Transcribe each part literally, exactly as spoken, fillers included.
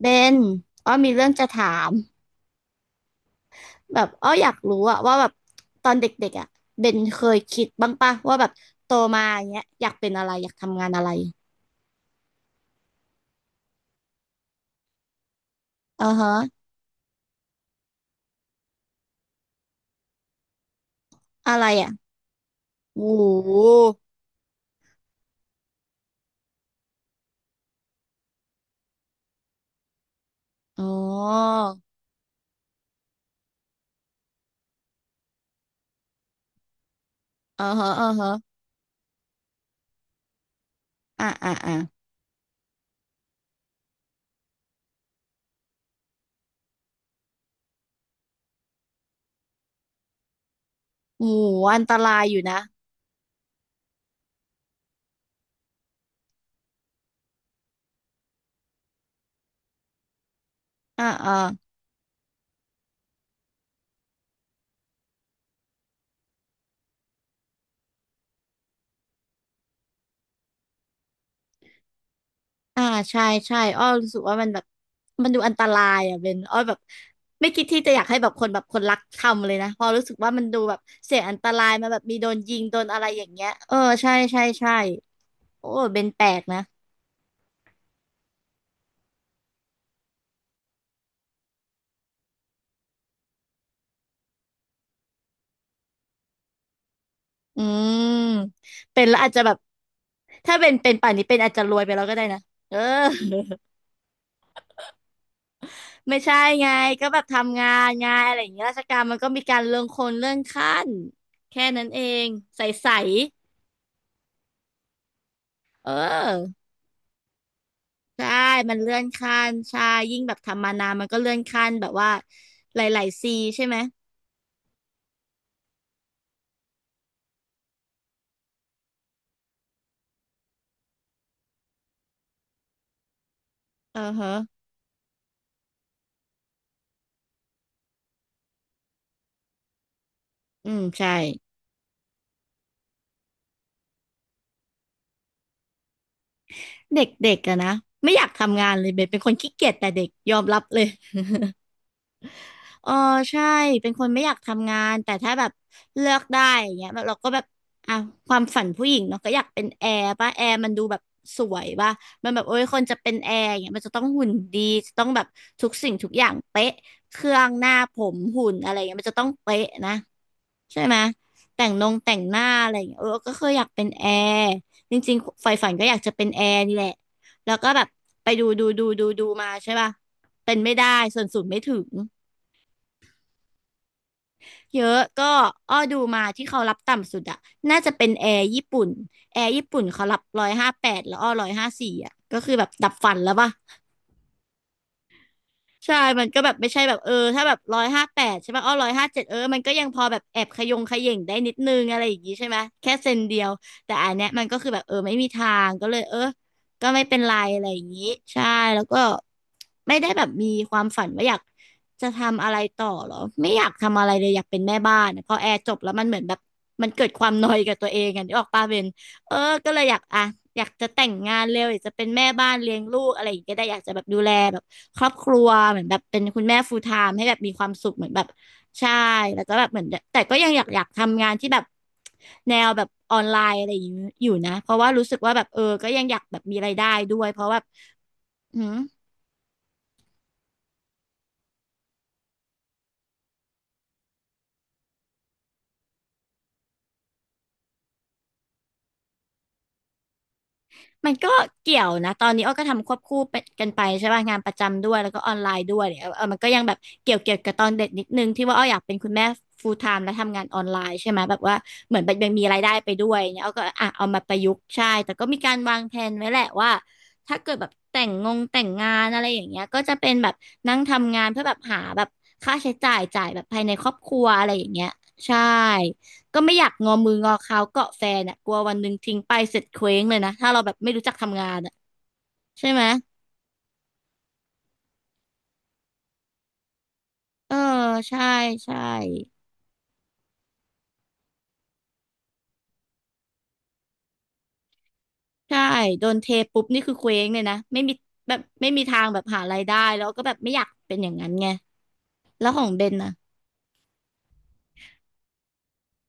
เบนอ้อมีเรื่องจะถามแบบอ้ออยากรู้อะว่าแบบตอนเด็กๆอะเบนเคยคิดบ้างปะว่าแบบโตมาอย่างเงี้ยอยากเป็นอะไร อยากทำงานอะไรอ่าฮะอะไรอะ โอ้โหมูอ๋ออ่อฮะอ่าฮะอ่าอ่าอ่าโอ้โหอันตรายอยู่นะอ่าอ่า อ่าใช่ใช่อ้อรู้สึกว่ามันแบบมันดูอันตรายอ่ะเบนอ้อแบบไม่คิดที่จะอยากให้แบบคนแบบคนรักทำเลยนะเพอรู้สึกว่ามันดูแบบเสี่ยงอันตรายมาแบบมีโดนยิงโดนอะไรอย่างเงี้ยเออใช่ใช่ใช่โอ้เบนแปลกนะอืมเป็นแล้วอาจจะแบบถ้าเป็นเป็นป่านนี้เป็นอาจจะรวยไปแล้วก็ได้นะเออ ไม่ใช่ไงก็แบบทำงานไงานอะไรอย่างเงี้ยราชการมันก็มีการเลื่อนคนเลื่อนขั้นแค่นั้นเองใสๆเออ ใช่ มันเลื่อนขั้นใช่ยิ่งแบบทำมานานมันก็เลื่อนขั้นแบบว่าหลายๆซีใช่ไหมเออฮะอืม ใช่ เด็ก ๆอะนะ ไม่อยากทำงานเลยเบนเป็นคนขี้เกียจแต่เด็กยอมรับเลย เออใช่เป็นคนไม่อยากทำงานแต่ถ้าแบบเลือกได้อย่างเงี้ยแบบเราก็แบบอ่ะความฝันผู้หญิงเนาะก็อยากเป็นแอร์ป่ะแอร์มันดูแบบสวยป่ะมันแบบโอ้ยคนจะเป็นแอร์อย่างเงี้ยมันจะต้องหุ่นดีจะต้องแบบทุกสิ่งทุกอย่างเป๊ะเครื่องหน้าผมหุ่นอะไรเงี้ยมันจะต้องเป๊ะนะใช่ไหมแต่งนงแต่งหน้าอะไรอย่างเงี้ยเออก็เคยอยากเป็นแอร์จริงๆใฝ่ฝันก็อยากจะเป็นแอร์นี่แหละแล้วก็แบบไปดูดูดูดูดูมาใช่ป่ะเป็นไม่ได้ส่วนสูงไม่ถึง เยอะก็อ้อดูมาที่เขารับต่ำสุดอะน่าจะเป็นแอร์ญี่ปุ่น แอร์ญี่ปุ่นเขารับหนึ่งร้อยห้าสิบแปดแล้วอ้อหนึ่งร้อยห้าสิบสี่อะก็คือแบบดับฝันแล้วป่ะ ใช่มันก็แบบไม่ใช่แบบเออถ้าแบบร้อยห้าแปดใช่ป่ะอ้อหนึ่งร้อยห้าสิบเจ็ดเออมันก็ยังพอแบบแอบขยงขย่งได้นิดนึงอะไรอย่างงี้ใช่ไหมแค่เซนเดียวแต่อันเนี้ยมันก็คือแบบเออไม่มีทางก็เลยเออก็ไม่เป็นไรอะไรอย่างงี้ใช่แล้วก็ไม่ได้แบบมีความฝันว่าอยากจะทำอะไรต่อหรอไม่อยากทำอะไรเลยอยากเป็นแม่บ้านอะพอแอร์จบแล้วมันเหมือนแบบมันเกิดความนอยกับตัวเองอ่ะนึกออกปะเบนเออก็เลยอยากอ่ะอยากจะแต่งงานเร็วอยากจะเป็นแม่บ้านเลี้ยงลูกอะไรอย่างเงี้ยก็ได้อยากจะแบบดูแลแบบ ครอบครัวเหมือนแบบเป็นคุณแม่ full time ให้แบบมีความสุขเหมือนแบบใช่แล้วก็แบบเหมือนแต่ก็ยังอยากอยากทำงานที่แบบแนวแบบออนไลน์อะไรอยู่อยู่นะเพราะว่ารู้สึกว่าแบบเออก็ยังอยากแบบมีรายได้ด้วยเพราะแบบอืม มันก็เกี่ยวนะตอนนี้อ้อก็ทำควบคู่ไปกันไปใช่ป่ะงานประจำด้วยแล้วก็ออนไลน์ด้วยเนี่ยเออมันก็ยังแบบเกี่ยวเกี่ยวกับตอนเด็กนิดนึงที่ว่าอ้ออยากเป็นคุณแม่ full time และทำงานออนไลน์ใช่ไหมแบบว่าเหมือนแบบยังมีรายได้ไปด้วยเนี่ยอ้อก็อ่ะเอามาประยุกต์ใช่แต่ก็มีการวางแผนไว้แหละว่าถ้าเกิดแบบแต่งงงแต่งงานอะไรอย่างเงี้ยก็จะเป็นแบบนั่งทำงานเพื่อแบบหาแบบค่าใช้จ่ายจ่ายแบบภายในครอบครัวอะไรอย่างเงี้ยใช่ ก็ไม่อยากงอมืองอเข้าเกาะแฟนอ่ะกลัววันหนึ่งทิ้งไปเสร็จเคว้งเลยนะถ้าเราแบบไม่รู้จักทำงานอ่ะใช่ไหมเออใช่ใช่ใช่โดนเทปุ๊บนี่คือเคว้งเลยนะไม่มีแบบไม่มีทางแบบหารายได้แล้วก็แบบไม่อยากเป็นอย่างนั้นไงแล้วของเบนนะ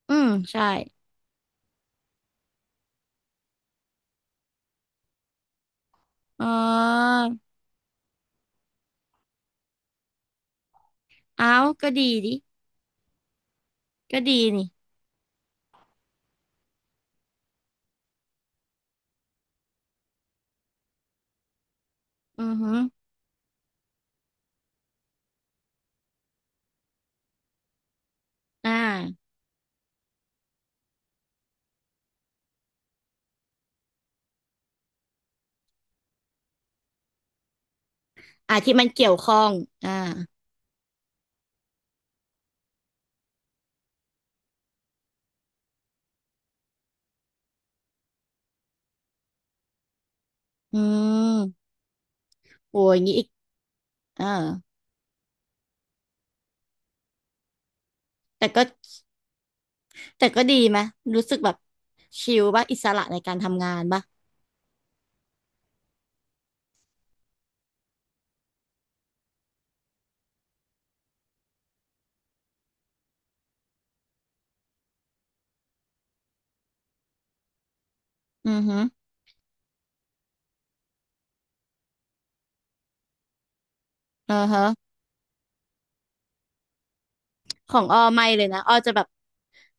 อืมใช่อ๋อเอาก็ดีดิก็ดีนี่อือออ่าอ่าที่มันเกี่ยวข้องอ่าอืมโอ้ยอย่างงี้อีกอ่าแต่ก็ แต่ก็ดีไหมรู้สึกแบบชิลป่ะอิสระในการทำงานป่ะอือฮึอือฮะของออไม่เลยนะออจะแบบ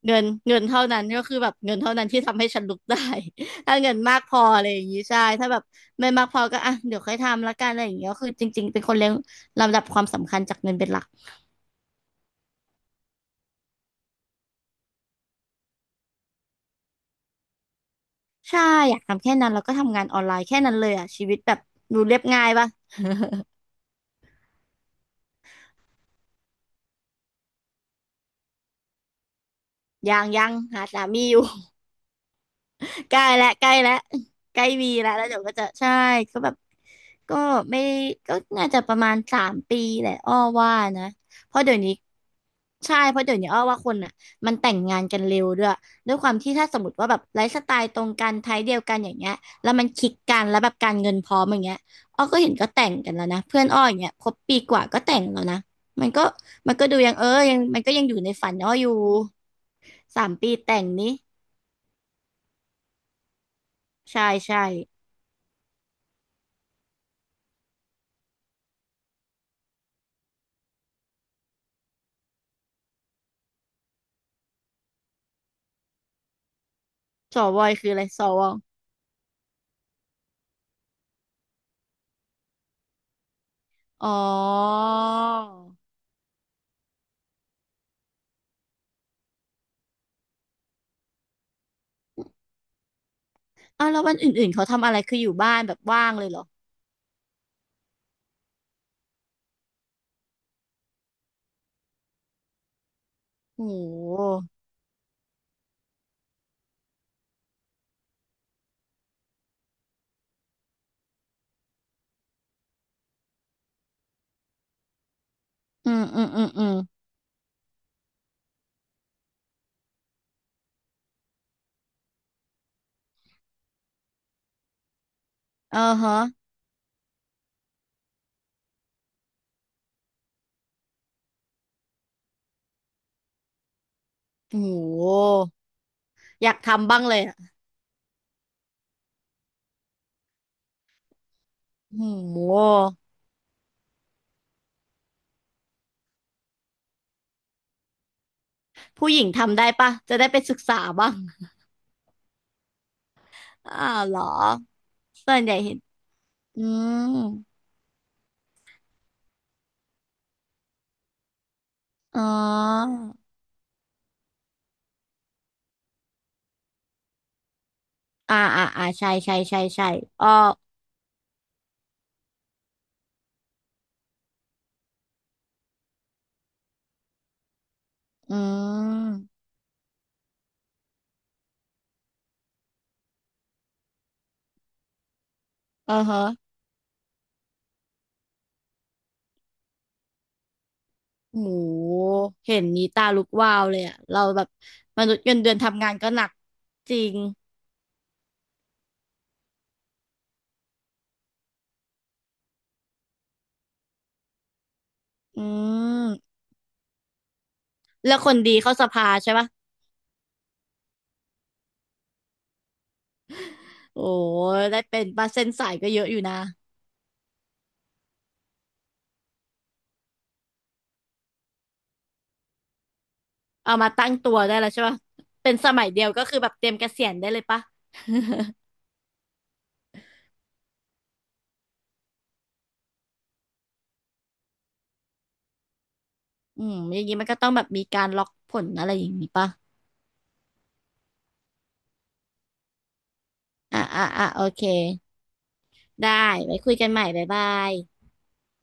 เงินเงินเท่านั้นก็คือแบบเงินเท่านั้นที่ทำให้ฉันลุกได้ ถ้าเงินมากพออะไรอย่างนี้ใช่ถ้าแบบไม่มากพอก็อ่ะเดี๋ยวค่อยทำละกันอะไรอย่างเงี้ยก็คือจริงๆเป็นคนเลี้ยงลำดับความสำคัญจากเงินเป็นหลักใช่อยากทำแค่นั้นแล้วก็ทำงานออนไลน์แค่นั้นเลยอ่ะชีวิตแบบดูเรียบง่ายป่ะยังยังหาสามีอยู่ ใกล้และใกล้และใกล้มีและแล้วเดี๋ยวก็จะใช่ก็แบบก็ไม่ก็น่าจะประมาณสามปีแหละอ้อว่านะเพราะเดี๋ยวนี้ใช่เพราะเดี๋ยวนี้อ้อว่าคนอ่ะมันแต่งงานกันเร็วด้วยด้วยความที่ถ้าสมมติว่าแบบไลฟ์สไตล์ตรงกันไทป์เดียวกันอย่างเงี้ยแล้วมันคลิกกันแล้วแบบการเงินพร้อมอย่างเงี้ยอ้อก็เห็นก็แต่งกันแล้วนะเพื่อนอ้ออย่างเงี้ยคบปีกว่าก็แต่งแล้วนะมันก็มันก็ดูยังเออยังมันก็ยังอยู่ในฝันอ้ออยู่สามปีแต่งนี้ใช่ใช่ สวยคืออะไรสวออ๋ออ้าวแล้ววันอื่นๆเขาทำอะไรคืออยู่บ้านแบบว่างเลยเหรอโอ้โหอืมอืมอืมอืมเออฮะโอ้โหอยากทำบ้างเลยอะโอ้โหผู้หญิงทำได้ปะจะได้ไปศึกษาบ้าง อ้าวเหรอส่วนใหญ่เห็นอืมอ๋ออ่าอ่าอ่าใช่ใช่ใช่ใช่อ๋ออืมเออฮะ โหเห็นนี้ตาลุกวาวเลยอะเราแบบมนุษย์เงินเดือนทำงานก็หนักจริง อืม แล้วคนดีเข้าสภาใช่ปะโอ้ ได้เป็นปะเส้นสายก็เยอะอยู่นะ เอามาตั้งตัวได้แล้วใช่ปะเป็นสมัยเดียวก็คือแบบเตรียมเกษียณได้เลยปะ อืมอย่างนี้มันก็ต้องแบบมีการล็อกผลอะไรอย่างนี้ปะ อ่ะอ่ะอ่ะโอเค ได้ไว้คุยกันใหม่บ๊ายบาย